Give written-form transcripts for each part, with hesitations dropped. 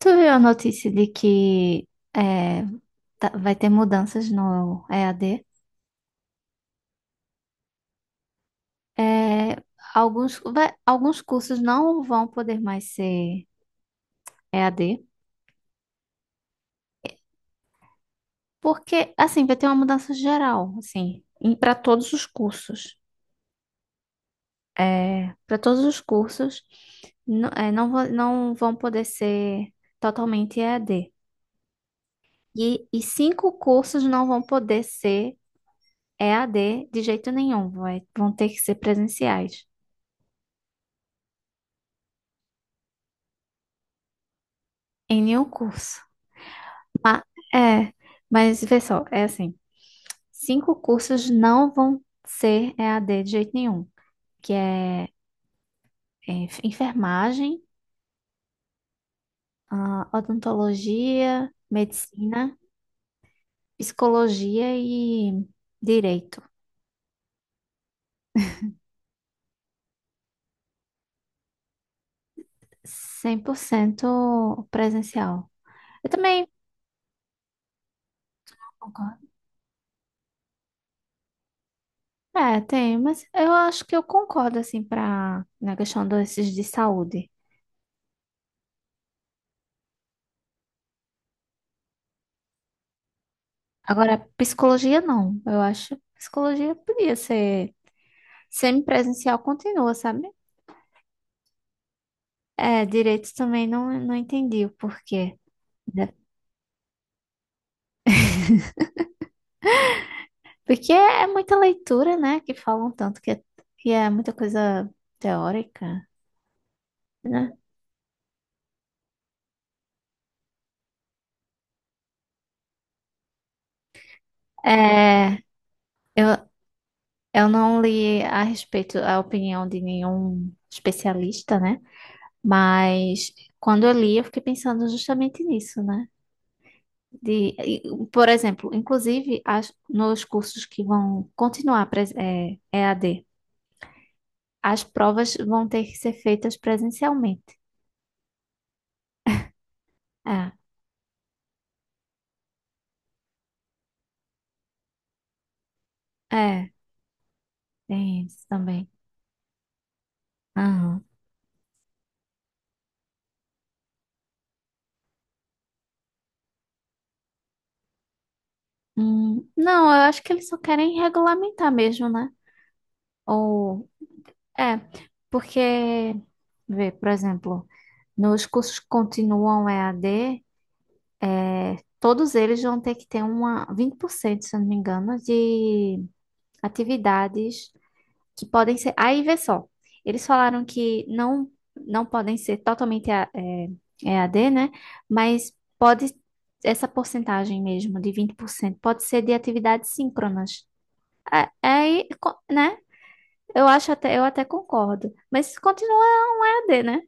Tu viu a notícia de que é, vai ter mudanças no EAD? É, alguns, alguns cursos não vão poder mais ser EAD, porque assim vai ter uma mudança geral, assim, para todos os cursos. Para todos os cursos não, não, não vão poder ser totalmente EAD. E cinco cursos não vão poder ser EAD de jeito nenhum, vão ter que ser presenciais. Em nenhum curso. Ma- é, mas vê só, é assim, cinco cursos não vão ser EAD de jeito nenhum, que é, enfermagem, ah, odontologia, medicina, psicologia e direito. 100% presencial. Eu também concordo. É, tem, mas eu acho que eu concordo, assim, pra, na questão desses de saúde. Agora, psicologia não, eu acho. Que psicologia podia ser semipresencial, continua, sabe? É, direito também não, não entendi o porquê, né? Porque é muita leitura, né? Que falam tanto que é muita coisa teórica, né? É, eu, eu não li a respeito a opinião de nenhum especialista, né? Mas quando eu li, eu fiquei pensando justamente nisso, né? De, e, por exemplo, inclusive as, nos cursos que vão continuar E a d. As provas vão ter que ser feitas presencialmente. É, é, tem isso também. Aham. Não, eu acho que eles só querem regulamentar mesmo, né? Ou, é, porque, vê, por exemplo, nos cursos que continuam EAD, é, todos eles vão ter que ter uma 20%, se eu não me engano, de atividades que podem ser. Aí vê só, eles falaram que não, não podem ser totalmente EAD, né? Mas pode, essa porcentagem mesmo, de 20% pode ser de atividades síncronas. Né? Eu acho até, eu até concordo. Mas continua EAD, né?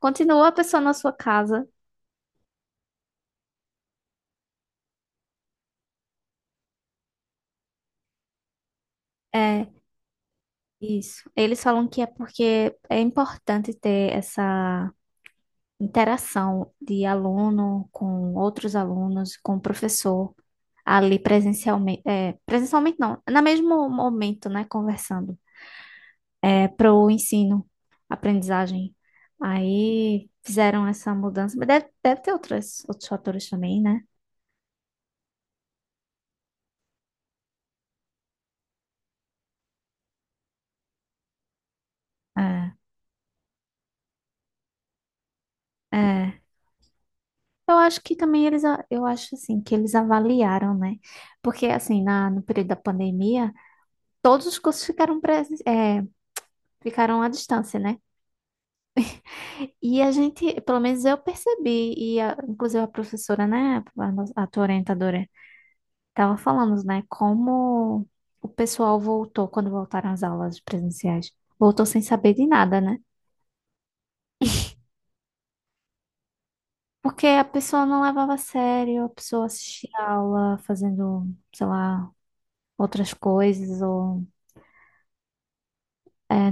Continua a pessoa na sua casa. É, isso. Eles falam que é porque é importante ter essa interação de aluno com outros alunos, com o professor, ali presencialmente, é, presencialmente não, no mesmo momento, né, conversando, é, para o ensino, aprendizagem. Aí fizeram essa mudança, mas deve ter outras, outros fatores também, né? É, é. Eu acho que também eu acho assim, que eles avaliaram, né? Porque assim, na, no período da pandemia, todos os cursos ficaram, ficaram à distância, né? E a gente, pelo menos eu percebi, e inclusive a professora, né, a tua orientadora, tava falando, né, como o pessoal voltou, quando voltaram as aulas presenciais, voltou sem saber de nada, né? Porque a pessoa não levava a sério, a pessoa assistia a aula fazendo, sei lá, outras coisas, ou... É,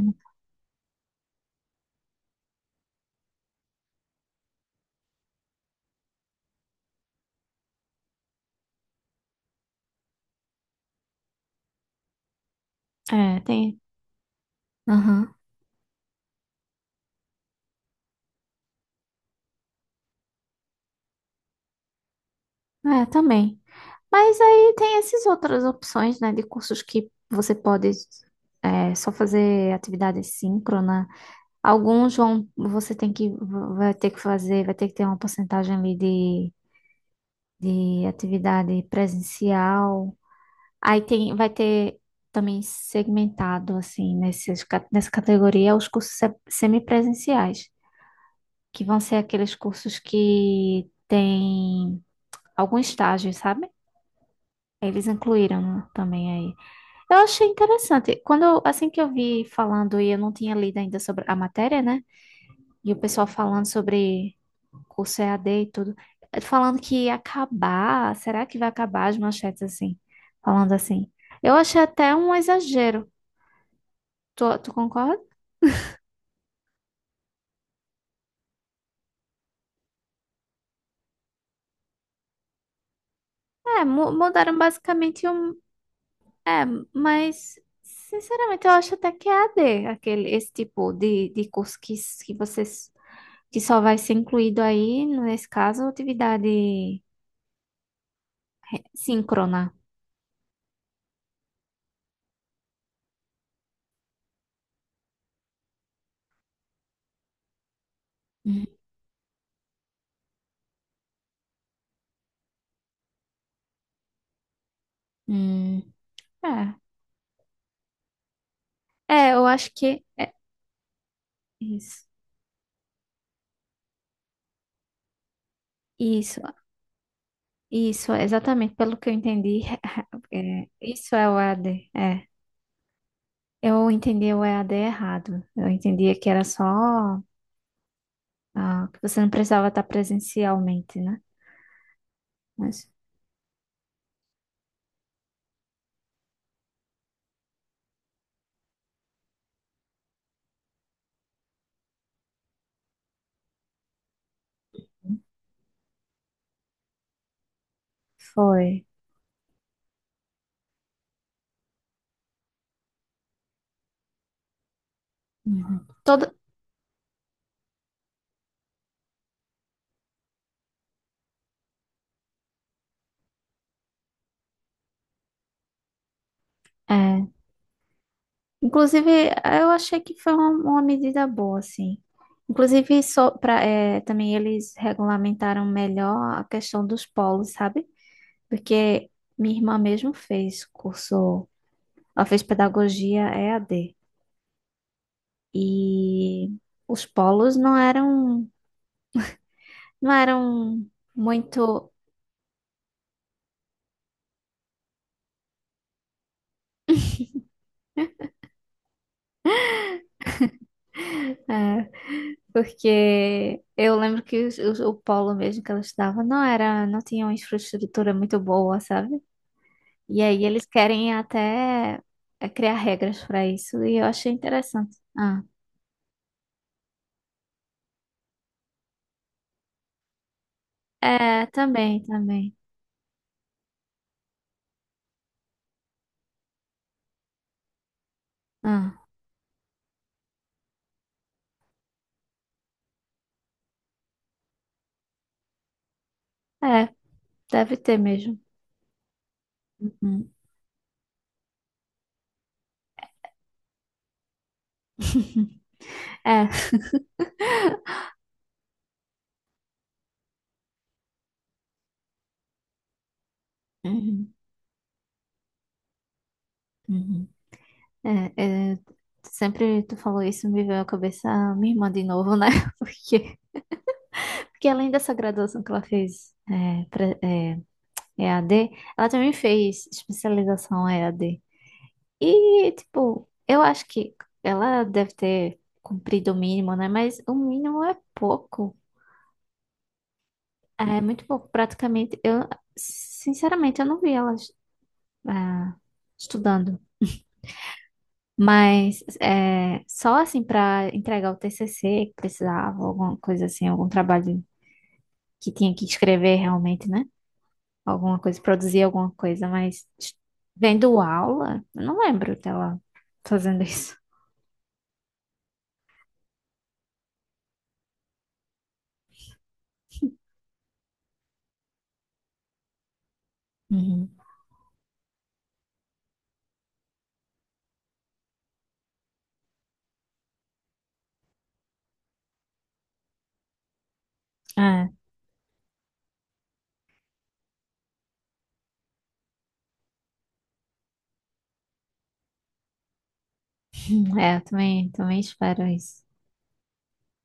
tem... Aham. É, também. Mas aí tem essas outras opções, né, de cursos que você pode é, só fazer atividade síncrona. Alguns vão, você tem que, vai ter que fazer, vai ter que ter uma porcentagem ali de atividade presencial. Aí tem, vai ter também segmentado, assim, nesses, nessa categoria, os cursos semipresenciais, que vão ser aqueles cursos que tem algum estágio, sabe? Eles incluíram, né, também aí. Eu achei interessante. Quando, assim que eu vi falando, e eu não tinha lido ainda sobre a matéria, né? E o pessoal falando sobre curso EAD e tudo, eh, falando que ia acabar, será que vai acabar as manchetes assim? Falando assim. Eu achei até um exagero. Tu concorda? É, mudaram basicamente um. É, mas, sinceramente, eu acho até que é EAD, aquele, esse tipo de curso que, que vocês, que só vai ser incluído aí, nesse caso, atividade síncrona. Hum, hum, é. É, eu acho que é isso. Isso, isso, exatamente, pelo que eu entendi, é, isso é o EAD, é. Eu entendi o EAD errado. Eu entendia que era só, ah, que você não precisava estar presencialmente, né? Mas foi. Uhum. Todo, é. Inclusive, eu achei que foi uma medida boa, assim. Inclusive, só pra, é, também eles regulamentaram melhor a questão dos polos, sabe? Porque minha irmã mesmo fez curso, ela fez pedagogia EAD. E os polos não eram, não eram muito. É, porque eu lembro que o polo mesmo que ela estudava não era, não tinha uma infraestrutura muito boa, sabe? E aí eles querem até é, criar regras para isso, e eu achei interessante. Ah, é, também, também. Ah, é, deve ter mesmo. Uhum. É. Uhum, uhum. É, é, sempre tu falou isso, me veio à cabeça a minha irmã de novo, né? Porque, porque além dessa graduação que ela fez EAD, ela também fez especialização EAD. E, tipo, eu acho que ela deve ter cumprido o mínimo, né? Mas o mínimo é pouco. É muito pouco, praticamente. Sinceramente, eu não vi ela, ah, estudando. Mas é, só assim para entregar o TCC que precisava, alguma coisa assim, algum trabalho que tinha que escrever realmente, né? Alguma coisa, produzir alguma coisa, mas vendo aula, eu não lembro dela fazendo isso. Uhum. É. É, eu também, também espero isso.